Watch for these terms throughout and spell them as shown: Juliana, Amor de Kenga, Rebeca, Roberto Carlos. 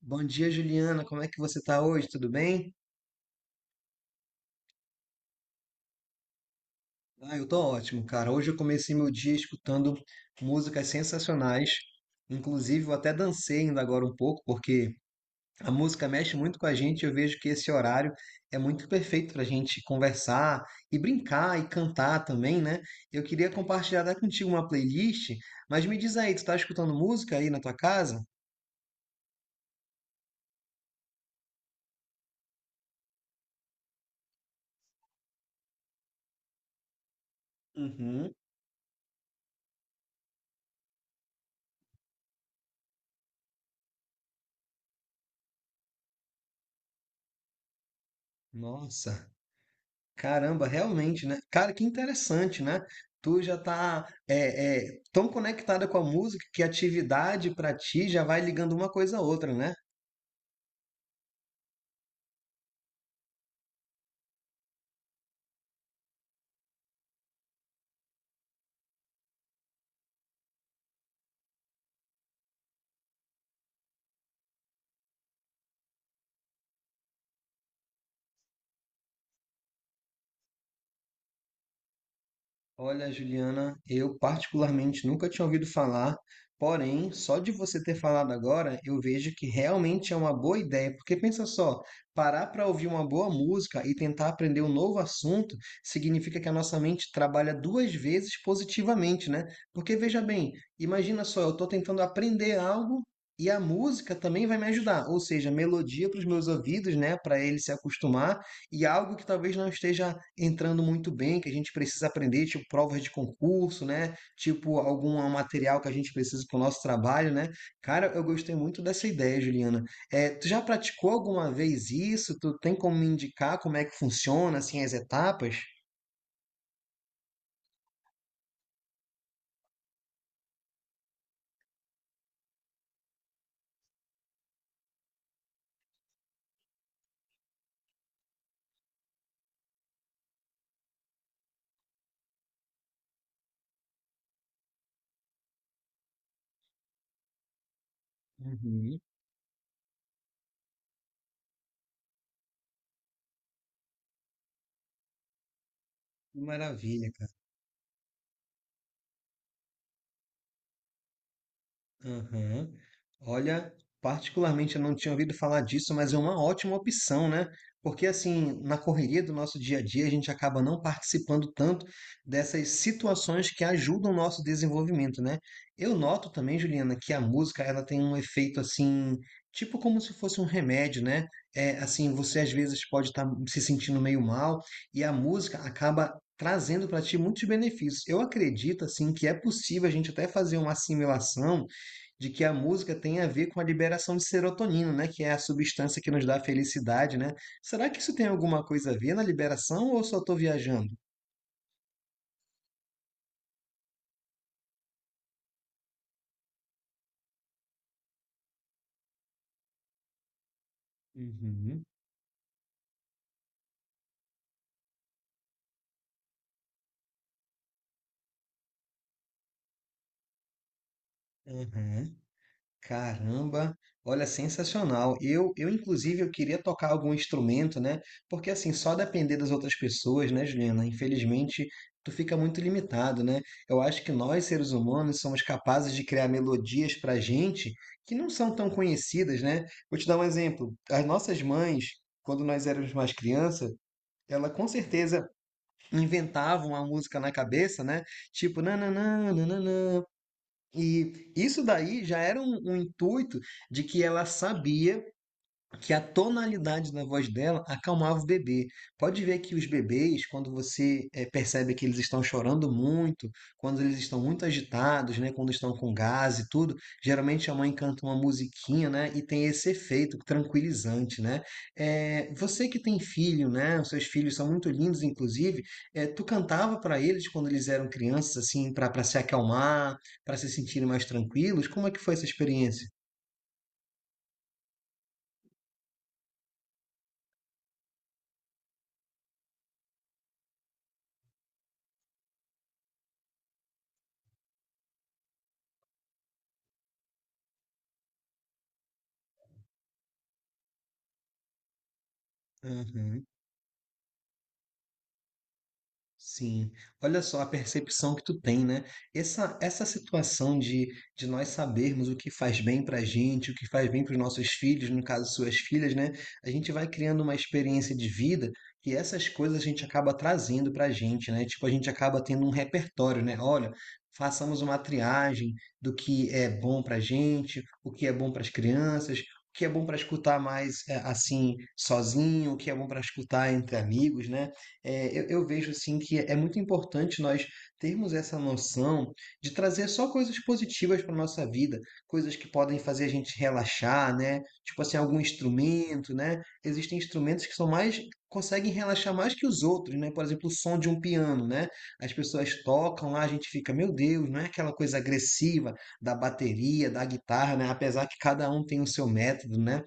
Bom dia, Juliana. Como é que você tá hoje? Tudo bem? Eu tô ótimo, cara. Hoje eu comecei meu dia escutando músicas sensacionais. Inclusive, eu até dancei ainda agora um pouco, porque a música mexe muito com a gente. Eu vejo que esse horário é muito perfeito pra gente conversar e brincar e cantar também, né? Eu queria compartilhar até contigo uma playlist, mas me diz aí, tu tá escutando música aí na tua casa? Uhum. Nossa. Caramba, realmente, né? Cara, que interessante, né? Tu já tá tão conectada com a música que a atividade pra ti já vai ligando uma coisa a outra, né? Olha, Juliana, eu particularmente nunca tinha ouvido falar, porém, só de você ter falado agora, eu vejo que realmente é uma boa ideia, porque pensa só, parar para ouvir uma boa música e tentar aprender um novo assunto significa que a nossa mente trabalha duas vezes positivamente, né? Porque veja bem, imagina só, eu estou tentando aprender algo e a música também vai me ajudar, ou seja, melodia para os meus ouvidos, né, para ele se acostumar e algo que talvez não esteja entrando muito bem, que a gente precisa aprender, tipo provas de concurso, né? Tipo algum material que a gente precisa para o nosso trabalho, né? Cara, eu gostei muito dessa ideia, Juliana. É, tu já praticou alguma vez isso? Tu tem como me indicar como é que funciona, assim, as etapas? Uhum, que maravilha. Aham. Olha, particularmente eu não tinha ouvido falar disso, mas é uma ótima opção, né? Porque assim, na correria do nosso dia a dia, a gente acaba não participando tanto dessas situações que ajudam o nosso desenvolvimento, né? Eu noto também, Juliana, que a música, ela tem um efeito assim, tipo como se fosse um remédio, né? É, assim, você às vezes pode estar se sentindo meio mal e a música acaba trazendo para ti muitos benefícios. Eu acredito assim que é possível a gente até fazer uma assimilação de que a música tem a ver com a liberação de serotonina, né? Que é a substância que nos dá felicidade, né? Será que isso tem alguma coisa a ver na liberação ou eu só estou viajando? Uhum. Aham. Caramba, olha, sensacional. Eu inclusive, eu queria tocar algum instrumento, né? Porque assim, só depender das outras pessoas, né, Juliana? Infelizmente, tu fica muito limitado, né? Eu acho que nós, seres humanos, somos capazes de criar melodias pra gente que não são tão conhecidas, né? Vou te dar um exemplo. As nossas mães, quando nós éramos mais criança, ela com certeza inventava uma música na cabeça, né? Tipo, nananã, nananã, e isso daí já era um intuito de que ela sabia que a tonalidade da voz dela acalmava o bebê. Pode ver que os bebês, quando você percebe que eles estão chorando muito, quando eles estão muito agitados, né, quando estão com gás e tudo, geralmente a mãe canta uma musiquinha, né, e tem esse efeito tranquilizante, né? Você que tem filho, né, os seus filhos são muito lindos, inclusive, tu cantava para eles quando eles eram crianças, assim, para se acalmar, para se sentirem mais tranquilos. Como é que foi essa experiência? Uhum. Sim, olha só a percepção que tu tem, né? Essa situação de nós sabermos o que faz bem pra gente, o que faz bem para os nossos filhos, no caso, suas filhas, né? A gente vai criando uma experiência de vida que essas coisas a gente acaba trazendo pra gente, né? Tipo, a gente acaba tendo um repertório, né? Olha, façamos uma triagem do que é bom pra gente, o que é bom para as crianças. O que é bom para escutar mais assim sozinho, o que é bom para escutar entre amigos, né? É, eu vejo assim que é muito importante nós termos essa noção de trazer só coisas positivas para nossa vida, coisas que podem fazer a gente relaxar, né? Tipo assim, algum instrumento, né? Existem instrumentos que são mais conseguem relaxar mais que os outros, né? Por exemplo, o som de um piano, né? As pessoas tocam lá, a gente fica, meu Deus, não é aquela coisa agressiva da bateria, da guitarra, né? Apesar que cada um tem o seu método, né?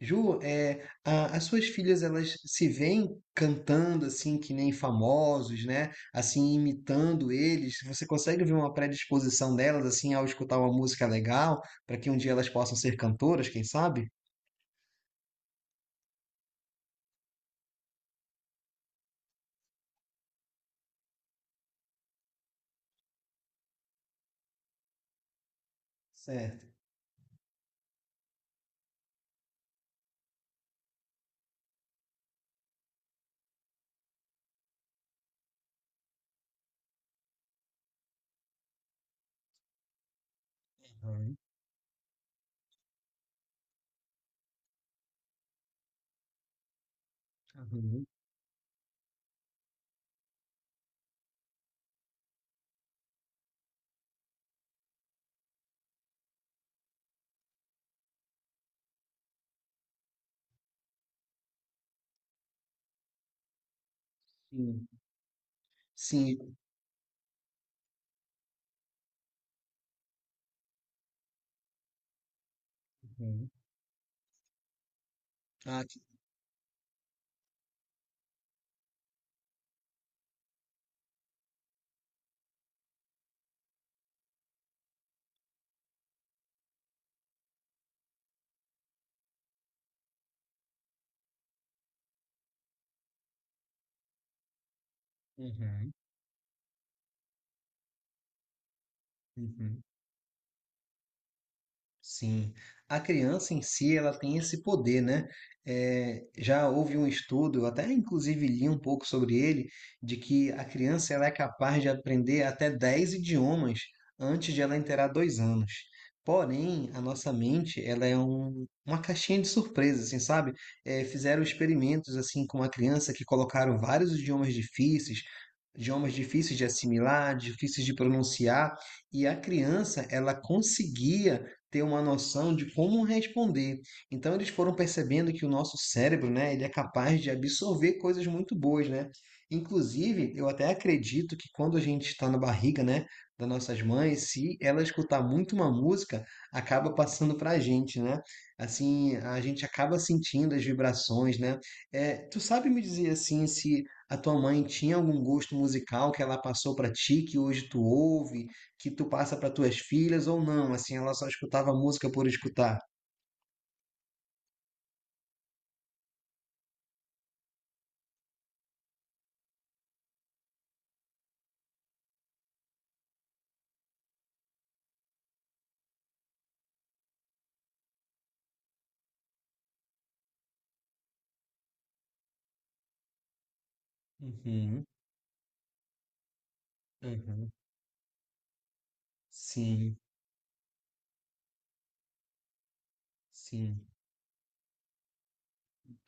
Ju, é, as suas filhas, elas se veem cantando assim que nem famosos, né? Assim, imitando eles. Você consegue ver uma predisposição delas assim ao escutar uma música legal, para que um dia elas possam ser cantoras, quem sabe? Certo. Uhum. Uhum. Sim. Sim. Uhum. Ah, que- uhum. Uhum. Sim, a criança em si ela tem esse poder, né? É, já houve um estudo, eu até inclusive li um pouco sobre ele, de que a criança ela é capaz de aprender até 10 idiomas antes de ela inteirar 2 anos. Porém, a nossa mente ela é uma caixinha de surpresas, assim, sabe? É, fizeram experimentos assim com uma criança que colocaram vários idiomas difíceis de assimilar, difíceis de pronunciar, e a criança ela conseguia ter uma noção de como responder. Então eles foram percebendo que o nosso cérebro, né, ele é capaz de absorver coisas muito boas, né? Inclusive, eu até acredito que quando a gente está na barriga, né, das nossas mães, se ela escutar muito uma música, acaba passando para a gente, né? Assim, a gente acaba sentindo as vibrações, né? É, tu sabe me dizer assim se a tua mãe tinha algum gosto musical que ela passou para ti que hoje tu ouve? Que tu passa para tuas filhas ou não, assim, ela só escutava música por escutar. Uhum, uhum. Sim, sim.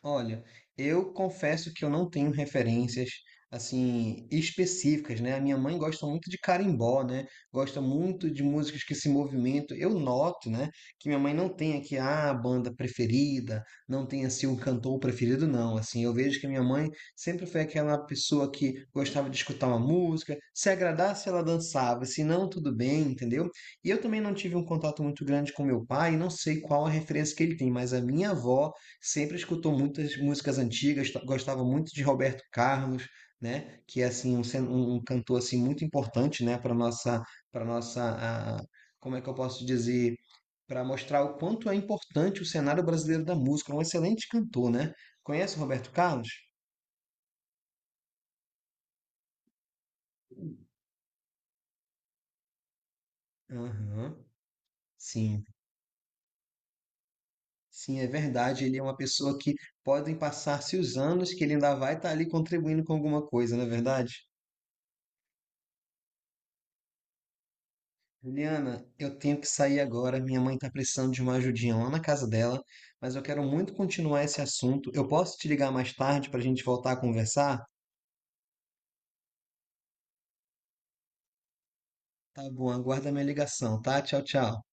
Olha, eu confesso que eu não tenho referências assim específicas, né? A minha mãe gosta muito de carimbó, né? Gosta muito de músicas que se movimentam. Eu noto, né, que minha mãe não tem aqui a banda preferida, não tem assim um cantor preferido, não. Assim, eu vejo que minha mãe sempre foi aquela pessoa que gostava de escutar uma música, se agradasse ela dançava, se não tudo bem, entendeu? E eu também não tive um contato muito grande com meu pai, não sei qual a referência que ele tem, mas a minha avó sempre escutou muitas músicas antigas, gostava muito de Roberto Carlos, né? Que é assim um cantor assim muito importante, né? Para nossa, para nossa, a- como é que eu posso dizer? Para mostrar o quanto é importante o cenário brasileiro da música. Um excelente cantor, né? Conhece o Roberto Carlos? Aham. Sim, sim, é verdade. Ele é uma pessoa que podem passar-se os anos que ele ainda vai estar ali contribuindo com alguma coisa, não é verdade? Juliana, eu tenho que sair agora. Minha mãe está precisando de uma ajudinha lá na casa dela, mas eu quero muito continuar esse assunto. Eu posso te ligar mais tarde para a gente voltar a conversar? Tá bom, aguarda minha ligação, tá? Tchau, tchau.